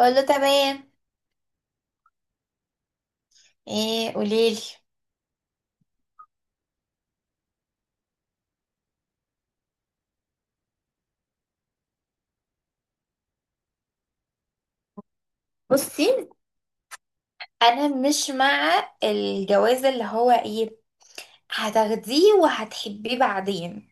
اقول له تمام. ايه قوليلي. بصي، انا مش مع الجواز اللي هو ايه هتاخديه وهتحبيه بعدين.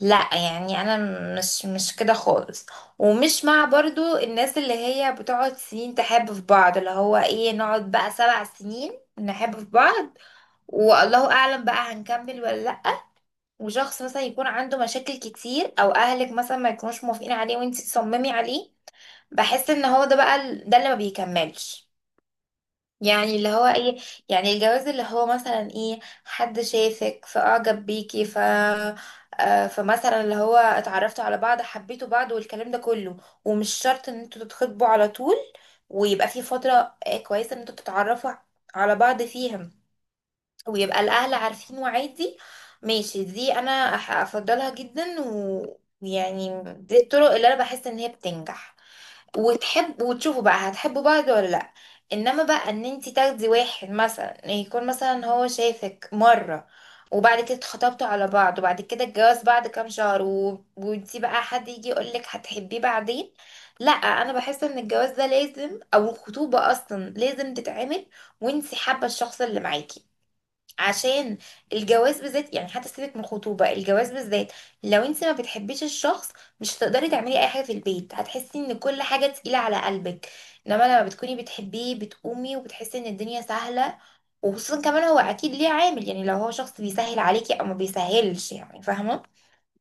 لا يعني انا مش كده خالص. ومش مع برضو الناس اللي هي بتقعد سنين تحب في بعض اللي هو ايه نقعد بقى 7 سنين نحب في بعض. والله اعلم بقى هنكمل ولا لا. وشخص مثلا يكون عنده مشاكل كتير او اهلك مثلا ما يكونوش موافقين عليه وانتي تصممي عليه. بحس ان هو ده بقى ده اللي ما بيكملش. يعني اللي هو ايه، يعني الجواز اللي هو مثلا ايه حد شافك فاعجب بيكي ف فمثلا اللي هو اتعرفتوا على بعض حبيتوا بعض والكلام ده كله. ومش شرط ان انتوا تتخطبوا على طول، ويبقى في فترة كويسة ان انتوا تتعرفوا على بعض فيها، ويبقى الاهل عارفين وعادي ماشي. دي انا افضلها جدا، ويعني دي الطرق اللي انا بحس ان هي بتنجح. وتحب وتشوفوا بقى هتحبوا بعض ولا لا. انما بقى ان انت تاخدي واحد مثلا يكون مثلا هو شايفك مرة وبعد كده اتخطبتوا على بعض وبعد كده الجواز بعد كام شهر وانت بقى حد يجي يقولك هتحبيه بعدين. لا، انا بحس ان الجواز ده لازم او الخطوبة اصلا لازم تتعمل وانت حابة الشخص اللي معاكي. عشان الجواز بالذات، يعني حتى سيبك من الخطوبة، الجواز بالذات لو انت ما بتحبيش الشخص مش هتقدري تعملي اي حاجة في البيت، هتحسي ان كل حاجة تقيلة على قلبك. انما لما بتكوني بتحبيه بتقومي وبتحسي ان الدنيا سهلة. وخصوصا كمان هو اكيد ليه عامل، يعني لو هو شخص بيسهل عليكي او ما بيسهلش، يعني فاهمة.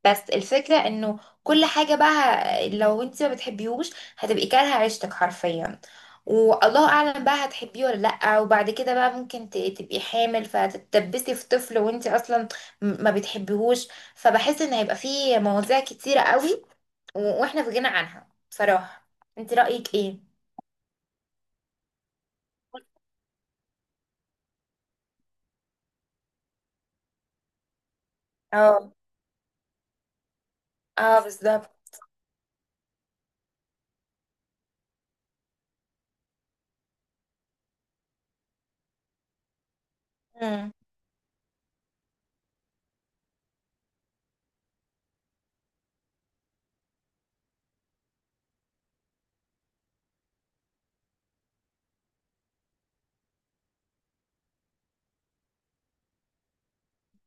بس الفكرة انه كل حاجة بقى لو انت ما بتحبيهوش هتبقي كارهة عيشتك حرفيا. والله اعلم بقى هتحبيه ولا لأ، وبعد كده بقى ممكن تبقي حامل فتتدبسي في طفل وانت اصلا ما بتحبيهوش. فبحس ان هيبقى فيه مواضيع كتيرة قوي واحنا في غنى عنها بصراحة. انت رأيك ايه؟ اه. اه، بالظبط. مم،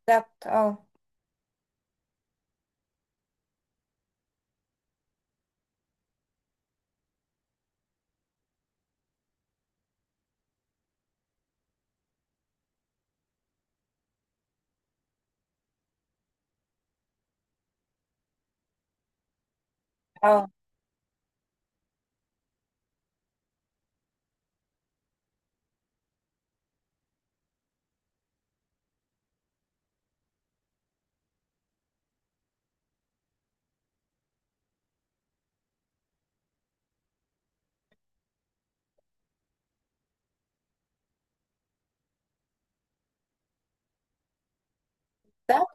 بالظبط اه. اه، بالظبط.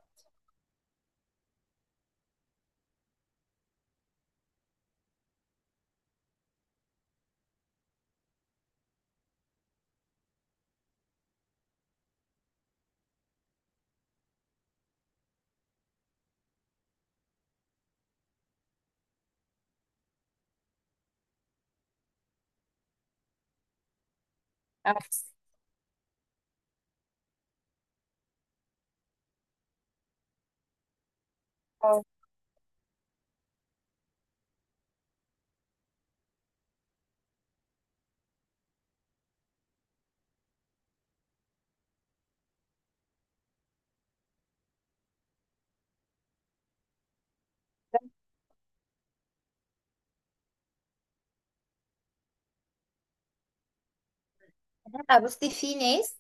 اه، بالظبط. آه، بالظبط. لأ، بصي، في ناس.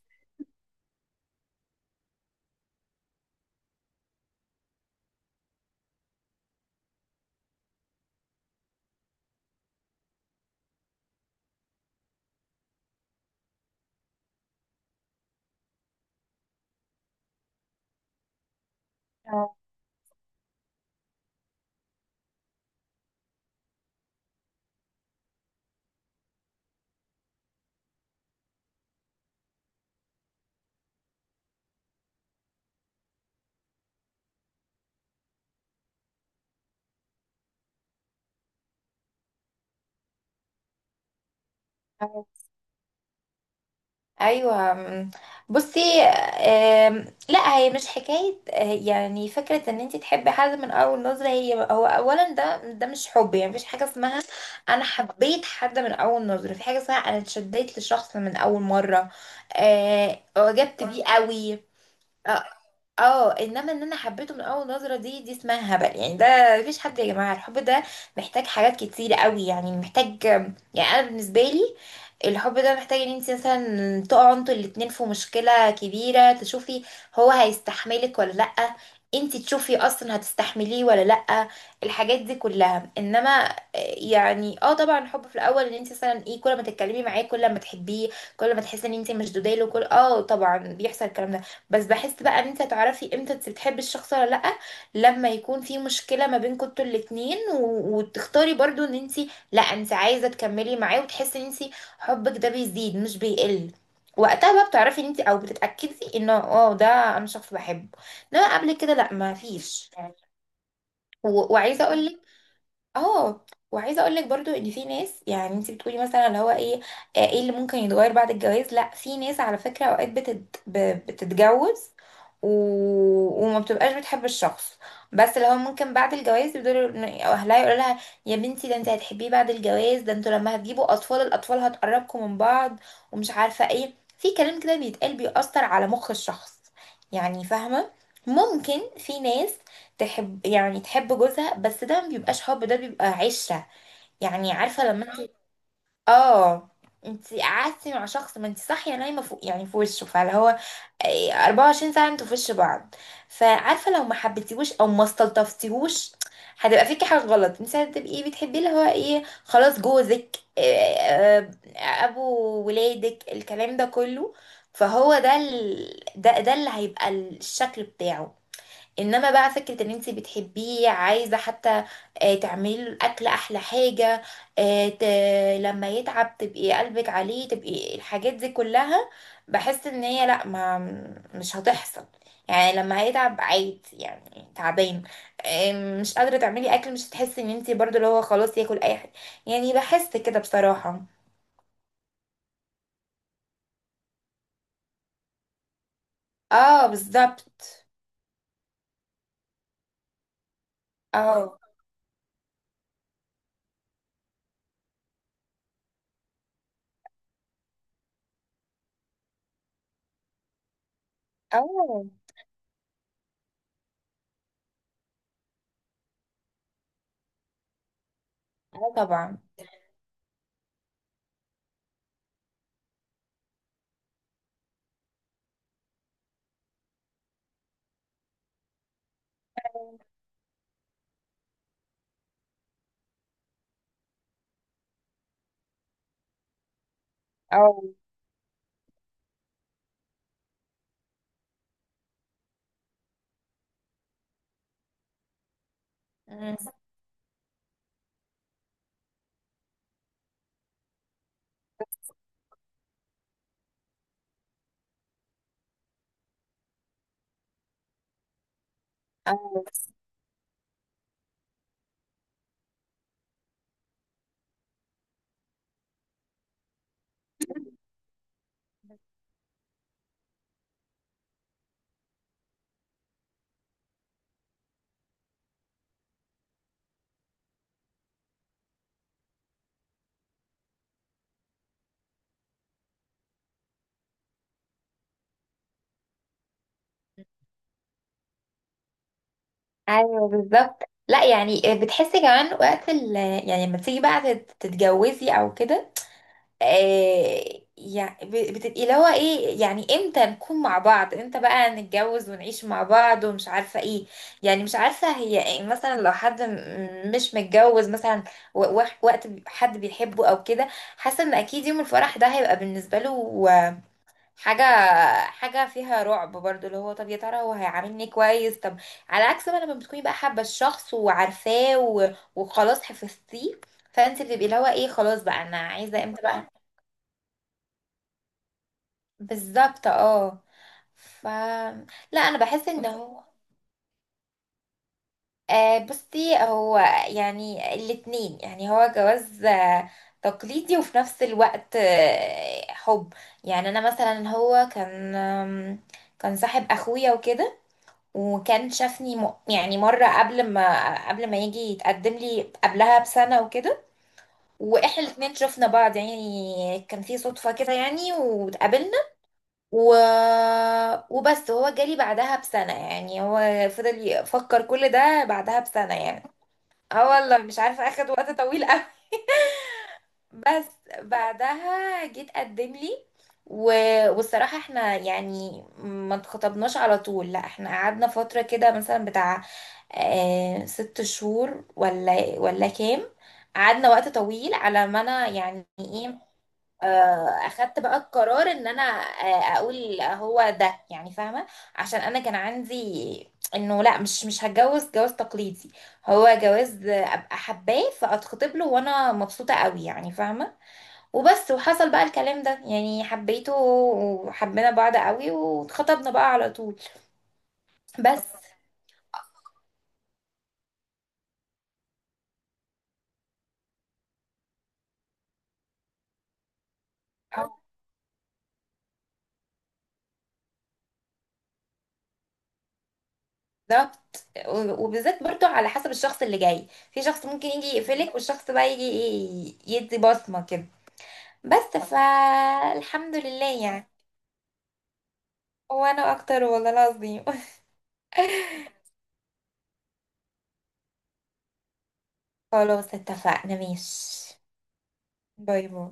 اه. ايوه، بصي، لا، هي مش حكايه. يعني فكره ان انت تحبي حد من اول نظره، هي هو اولا ده مش حب، يعني مفيش حاجه اسمها. انا حبيت حد من اول نظره، في حاجه اسمها انا اتشديت لشخص من اول مره. اعجبت بيه قوي. اه، انما ان انا حبيته من اول نظره دي اسمها هبل. يعني ده مفيش حد يا جماعه، الحب ده محتاج حاجات كتير قوي، يعني محتاج. يعني انا بالنسبه لي الحب ده محتاج ان انت مثلا تقعوا انتوا الاتنين في مشكله كبيره، تشوفي هو هيستحملك ولا لا. انت تشوفي اصلا هتستحمليه ولا لا. الحاجات دي كلها، انما يعني اه، طبعا الحب في الاول ان انت مثلا ايه كل ما تتكلمي معاه كل ما تحبيه كل ما تحسي ان انت مشدوده له كل اه، طبعا بيحصل الكلام ده. بس بحس بقى ان انت هتعرفي امتى انت بتحبي الشخص ولا لأ، لما يكون في مشكلة ما بينكم انتوا الاتنين وتختاري برضو ان انت، لا، انت عايزة تكملي معاه وتحسي ان انت حبك ده بيزيد مش بيقل. وقتها بقى بتعرفي ان انت او بتتأكدي انه اه، ده انا شخص بحبه. انما قبل كده لا، ما فيش. وعايزة اقول اه، وعايزه اقول لك برضو ان في ناس، يعني انت بتقولي مثلا اللي هو ايه ايه اللي ممكن يتغير بعد الجواز. لا، في ناس على فكره اوقات بتتجوز و... وما بتبقاش بتحب الشخص. بس اللي هو ممكن بعد الجواز يقدروا أو اهلها يقولوا لها يا بنتي ده انت هتحبيه بعد الجواز، ده انتوا لما هتجيبوا اطفال الاطفال هتقربكم من بعض، ومش عارفه ايه. في كلام كده بيتقال بيأثر على مخ الشخص، يعني فاهمه. ممكن في ناس تحب، يعني تحب جوزها، بس ده ما بيبقاش حب، ده بيبقى عشرة. يعني عارفة لما انت اه، انت قعدتي مع شخص ما انت صاحية نايمة فوق يعني في وشه، فاللي هو ايه 24 ساعة انتوا في وش بعض. فعارفة لو ما حبيتيهوش او ما استلطفتيهوش هتبقى فيكي حاجة غلط. انت هتبقي بتحبيه اللي هو ايه خلاص جوزك، ايه اه، ابو ولادك، الكلام ده كله. فهو ده ده اللي هيبقى الشكل بتاعه. انما بقى فكره ان انت بتحبيه عايزه حتى تعملي له الاكل احلى حاجه، آه، ت... لما يتعب تبقي قلبك عليه تبقي الحاجات دي كلها. بحس ان هي لا، ما مش هتحصل. يعني لما هيتعب عادي، يعني تعبان مش قادره تعملي اكل، مش هتحسي ان انت برضو اللي هو خلاص ياكل اي حاجه. يعني بحس كده بصراحه. اه، بالظبط. اه. اه. اه، طبعا. اه. مم. اه. ايوه، بالظبط. لا يعني بتحسي كمان وقت ال، يعني لما تيجي بقى تتجوزي او كده آه، يعني بتبقي اللي هو ايه، يعني امتى نكون مع بعض، امتى بقى نتجوز ونعيش مع بعض، ومش عارفه ايه. يعني مش عارفه هي إيه مثلا لو حد مش متجوز مثلا حد بيحبه او كده. حاسه ان اكيد يوم الفرح ده هيبقى بالنسبه له حاجة، حاجة فيها رعب برضو اللي هو طب يا ترى هو هيعاملني كويس طب. على عكس ما لما بتكوني بقى حابة الشخص وعارفاه وخلاص حفظتيه. فانت بتبقي اللي هو ايه خلاص بقى انا عايزة امتى بقى. بالظبط اه. ف، لا، انا بحس ان هو آه، بصي، هو يعني الاتنين، يعني هو جواز تقليدي وفي نفس الوقت حب. يعني انا مثلا هو كان كان صاحب اخويا وكده. وكان شافني يعني مرة قبل ما يجي يتقدم لي قبلها بسنة وكده. واحنا الاتنين شفنا بعض، يعني كان في صدفة كده، يعني واتقابلنا و... وبس هو جالي بعدها بسنة، يعني هو فضل يفكر كل ده بعدها بسنة يعني. اه، والله مش عارفة اخد وقت طويل قوي. بس بعدها جيت قدم لي و... والصراحة احنا يعني ما اتخطبناش على طول، لا احنا قعدنا فترة كده مثلا بتاع اه 6 شهور ولا كام. قعدنا وقت طويل على ما انا يعني ايه اه، اخدت بقى القرار ان انا اه اقول هو ده، يعني فاهمة. عشان انا كان عندي انه لا، مش هتجوز جواز تقليدي، هو جواز ابقى حباه فاتخطب له وانا مبسوطة قوي، يعني فاهمة. وبس، وحصل بقى الكلام ده، يعني حبيته وحبينا بعض قوي واتخطبنا بقى على طول. بس. أه، بالظبط. وبالذات برضو على حسب الشخص اللي جاي، في شخص ممكن يجي يقفلك والشخص بقى يجي يدي بصمة كده. بس فالحمد لله يعني. وانا اكتر والله العظيم. خلاص اتفقنا ماشي. باي باي.